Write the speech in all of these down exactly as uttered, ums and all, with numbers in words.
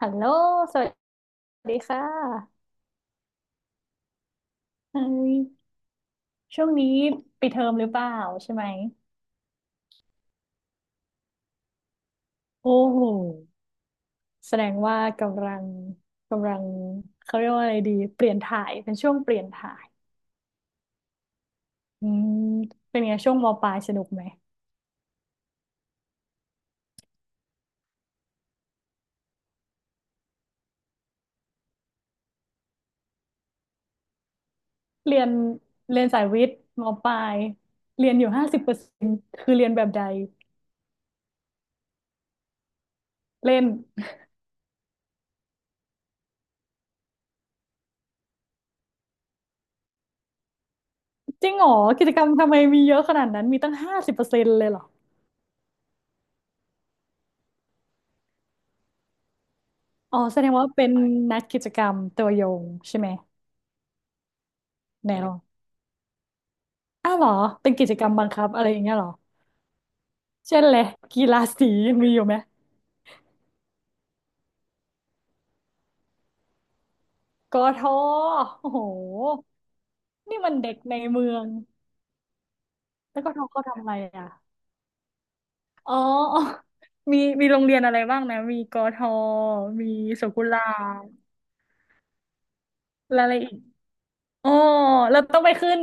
ฮัลโหลสวัสดีค่ะเอ้ยช่วงนี้ปิดเทอมหรือเปล่าใช่ไหม โอ้โหแสดงว่ากำลังกำลังเขาเรียกว่าอะไรดี เปลี่ยนถ่ายเป็นช่วงเปลี่ยนถ่ายอืมเป็นไงช่วงมปลายสนุกไหม เรียนเรียนสายวิทย์มปลายเรียนอยู่ห้าสิบเปอร์เซ็นต์คือเรียนแบบใดเล่นจริงเหรอกิจกรรมทำไมมีเยอะขนาดนั้น มีตั้งห้าสิบเปอร์เซ็นต์เลยเหรออ๋อแสดงว่าเป็นนักกิจกรรมตัวยงใช่ไหมแนว อ้าวเหรอเป็นกิจกรรมบังคับอะไรอย่างเงี้ยเหรอเช่นเลยกีฬาสียังมีอยู่ไหมกทโอ้โหนี่มันเด็กในเมืองแล้วกทเขาทำอะไรอ่ะอ๋อ มีมีโรงเรียนอะไรบ้างนะมีกทมีสวนกุหลาบแล้วอะไรอีกอ๋อแล้วต้องไปขึ้น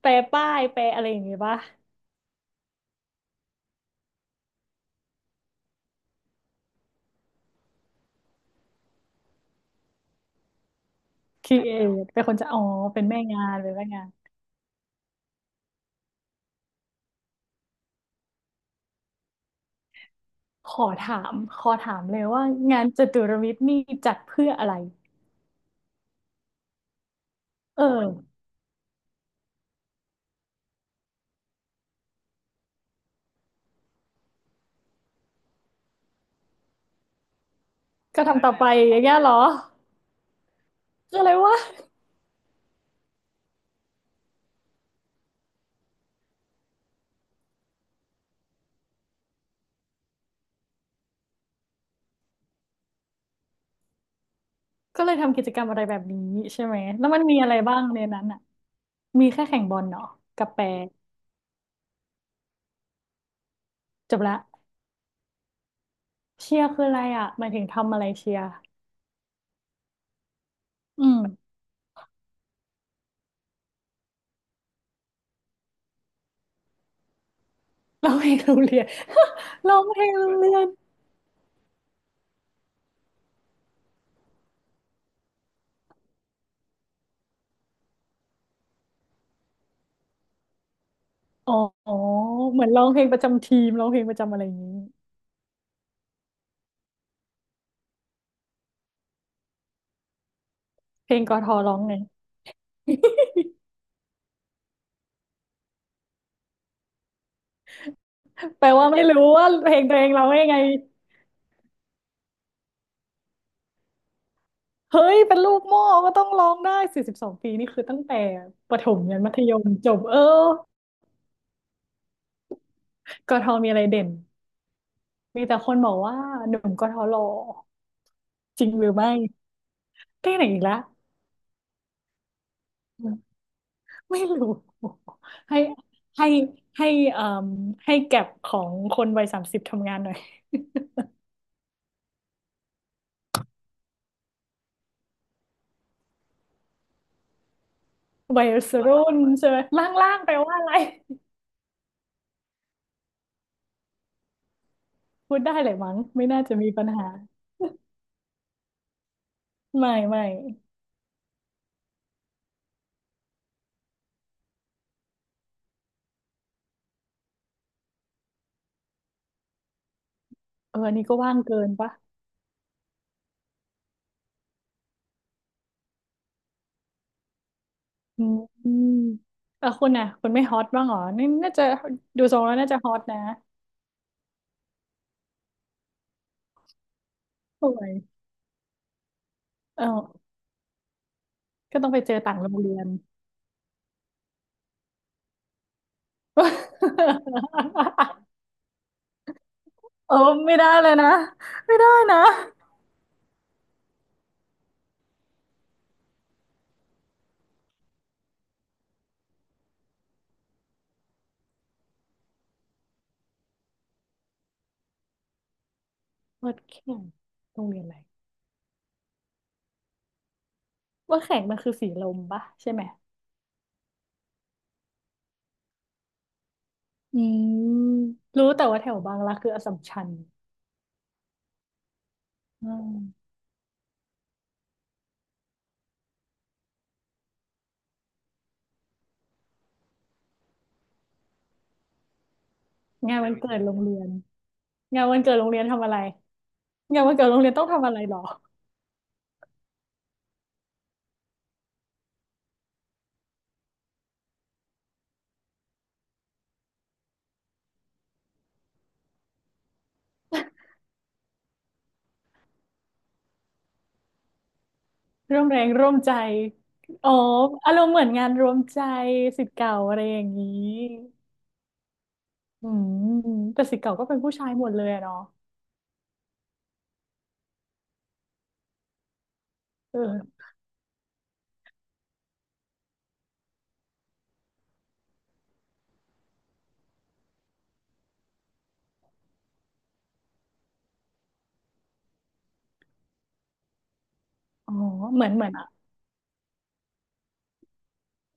แปลป้ายแปลอะไรอย่างงี้ปะครีเอทเป็นคนจะอ๋อเป็นแม่งานเป็นแม่งานขอถามขอถามเลยว่างานจตุรมิตรนี่จัดเพื่ออะไรเออ ก็ทำต่อไปอย่างเงี้ยเหรอก็เลยว่าก็เลยทำกิจกรรมอะไรแบบนี้ใช่ไหมแล้วมันมีอะไรบ้างในนั้นอ่ะมีแค่แข่งบอลเนาะกับแปรจบละเชียร์คืออะไรอ่ะหมายถึงทำอะไรเชียร์อืมร้องเพลงโรงเรียน ร้องเพลงโรงเรียนอ๋อเหมือนร้องเพลงประจำทีมร้องเพลงประจำอะไรอย่างนี้เพลงกทร้องไงแปลว่าไม่รู้ว่าเพลงตัวเองร้องยังไงเฮ้ยเป็นลูกหม่ก็ต้องร้องได้สี่สิบสองปีนี่คือตั้งแต่ประถมยันมัธยมจบเออกทมีอะไรเด่น มีแต่คนบอกว่าหนุ่มกทหล่อจริงหรือไม่ที่ไหนอีกและไม่รู้ให้ให้ให้เอ่มให้แก็บของคนวัยสามสิบทำงานหน่อยวัยรุ่นใช่ไหมล่างๆไปลว่าอะไรพูดได้เลยมั้งไม่น่าจะมีปัญหาไม่ไม่เอออันนี้ก็ว่างเกินปะอืมอืมเออคุณน่ะคุณไม่ฮอตบ้างเหรอนี่น่าจะดูทรงแล้วน่าจะฮอตนะสวยเออก็ต้องไปเจอต่างโรงเรียน เออไม่ได้เลยนะไม่ได้นะวัดแข่งโรงเรียนอะไรวัดแข่งมันคือสีลมปะใช่ไหมอืมรู้แต่ว่าแถวบางรักคืออัสสัมชัญอืมงานวันเกิดโรงเรียนงานวันเกิดโรงเรียนทำอะไรงานวันเกิดโรงเรียนต้องทำอะไรหรอร่วมแรงร่วมใจอ๋ออารมณ์เหมือนงานรวมใจศิษย์เก่าอะไรอย่างนี้อืมแต่ศิษย์เก่าก็เป็นผู้ชายหมดเลยอะเนาะเอออ๋อเหมือนเหมือน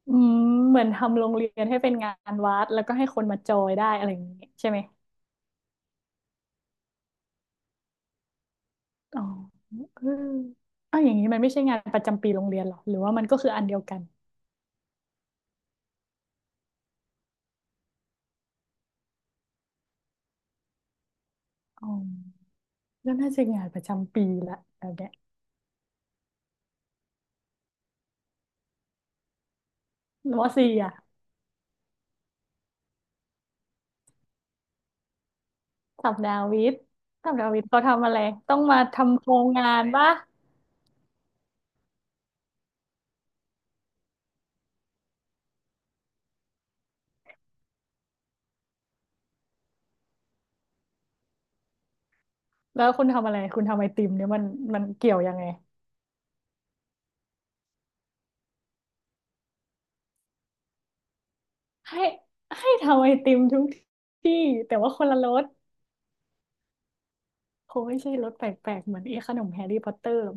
อืมเหมือนทำโรงเรียนให้เป็นงานวัดแล้วก็ให้คนมาจอยได้อะไรอย่างนี้ใช่ไหมอ๋อเอออ้าวอย่างนี้มันไม่ใช่งานประจำปีโรงเรียนหรอหรือว่ามันก็คืออันเดียวกันอ๋อก็น่าจะงานประจำปีละแบบเนี้ยมสี่อ่ะสัปดาห์วิทย์สัปดาห์วิทย์เขาทำอะไรต้องมาทำโครงงานปะแล้วคุณทำอะไรคุณทำไอติมเนี่ยมันมันเกี่ยวยังไงให้ให้ทำไอติมทุกที่แต่ว่าคนละรสคงไม่ใช่รสแปลกๆเหมือนไอ้ขนมแฮร์รี่พอตเตอร์หรอก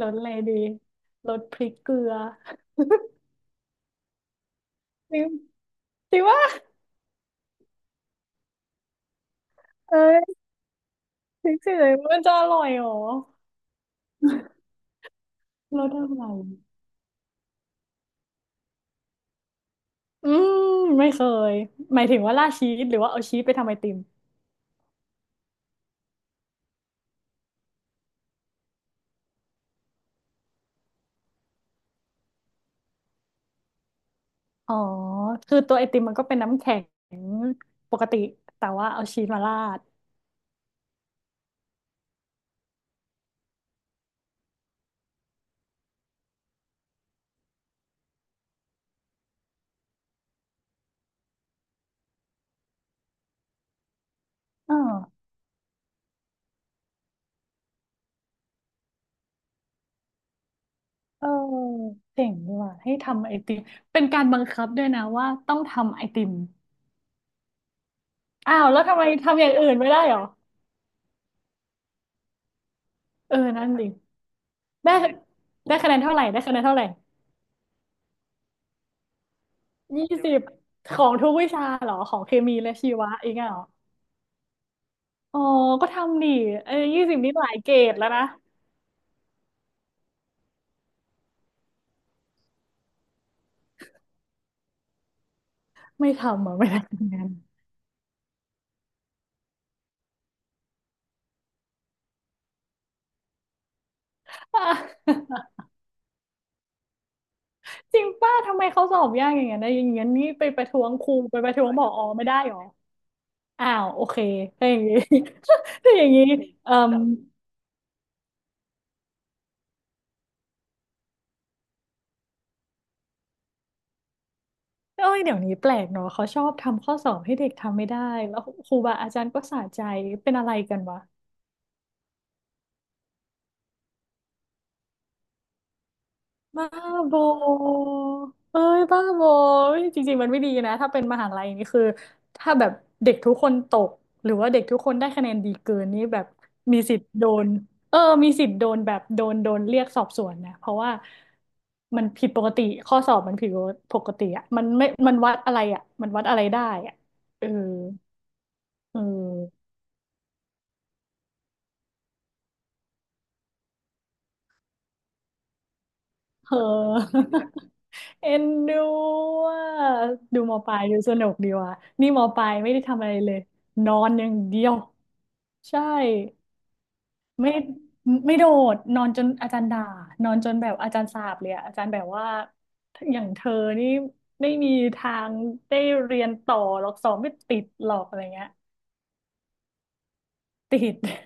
รสอะไรดีรสพริกเกลือ จริงจริงว่าเอ้ยพริกเฉยๆมันจะอร่อยเหรอรสอะไรอืมไม่เคยหมายถึงว่าราดชีสหรือว่าเอาชีสไปทำไอติมอ๋อคือตัวไอติมมันก็เป็นน้ำแข็งปกติแต่ว่าเอาชีสมาราดอ๋อเออเจ๋งดีว่ะให้ทำไอติมเป็นการบังคับด้วยนะว่าต้องทำไอติมอ้าวแล้วทำไมทำอย่างอื่นไม่ได้เหรอเออนั่นดิได้ได้คะแนนเท่าไหร่ได้คะแนนเท่าไหร่ ยี่สิบของทุกวิชาเหรอของเคมีและชีวะเองอะเหรออ๋อก็ทำดิเอ้ยี่สิบนี่หลายเกรดแล้วนะไม่ทำอ่ะไม่ได้ทำงาน อ่ะจริงป้าทำไมเขาสอบยากอย่างเงี้ยนะอย่างเงี้ยนี่ไปประท้วงครูไปประท้วงผอไม่ได้หรออ้าวโอเคถ้าอย่างนี้ ถ้าอย่างนี้เอ่อเอ้ยเดี๋ยวนี้แปลกเนาะเขาชอบทำข้อสอบให้เด็กทำไม่ได้แล้วครูบาอาจารย์ก็สะใจเป็นอะไรกันวะ บ้าบอเอ้ยบ้าบอเฮ้ยจริงๆ มันไม่ดีนะ ถ้าเป็นมหาลัยนี่คือถ้าแบบเด็กทุกคนตกหรือว่าเด็กทุกคนได้คะแนนดีเกินนี่แบบมีสิทธิ์โดนเออมีสิทธิ์โดนแบบโดนโดนเรียกสอบสวนนะเพราะว่ามันผิดปกติข้อสอบมันผิดปกติอ่ะมันไม่มันวัดอะไรอ่ะมันวัดอะไรได้อ่ะเออ เออ เอ็นดูอ่ะดูมอปลายดูสนุกดีว่ะนี่มอปลายไม่ได้ทำอะไรเลยนอนอย่างเดียวใช่ไม่ไม่โดดนอนจนอาจารย์ด่านอนจนแบบอาจารย์สาปเลยอะอาจารย์แบบว่าอย่างเธอนี่ไม่มีทางได้เรียนต่อหรอกสอบไม่ติดหรอกอะไรเงี้ยติด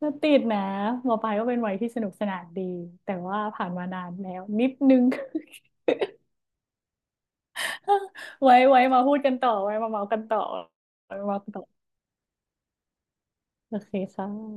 ก็ติดนะมอปลายก็เป็นวัยที่สนุกสนานดีแต่ว่าผ่านมานานแล้วนิดนึง ไว้ไว้มาพูดกันต่อไว้มาเมากันต่อไว้มาเมากันต่อโอเคค่ะ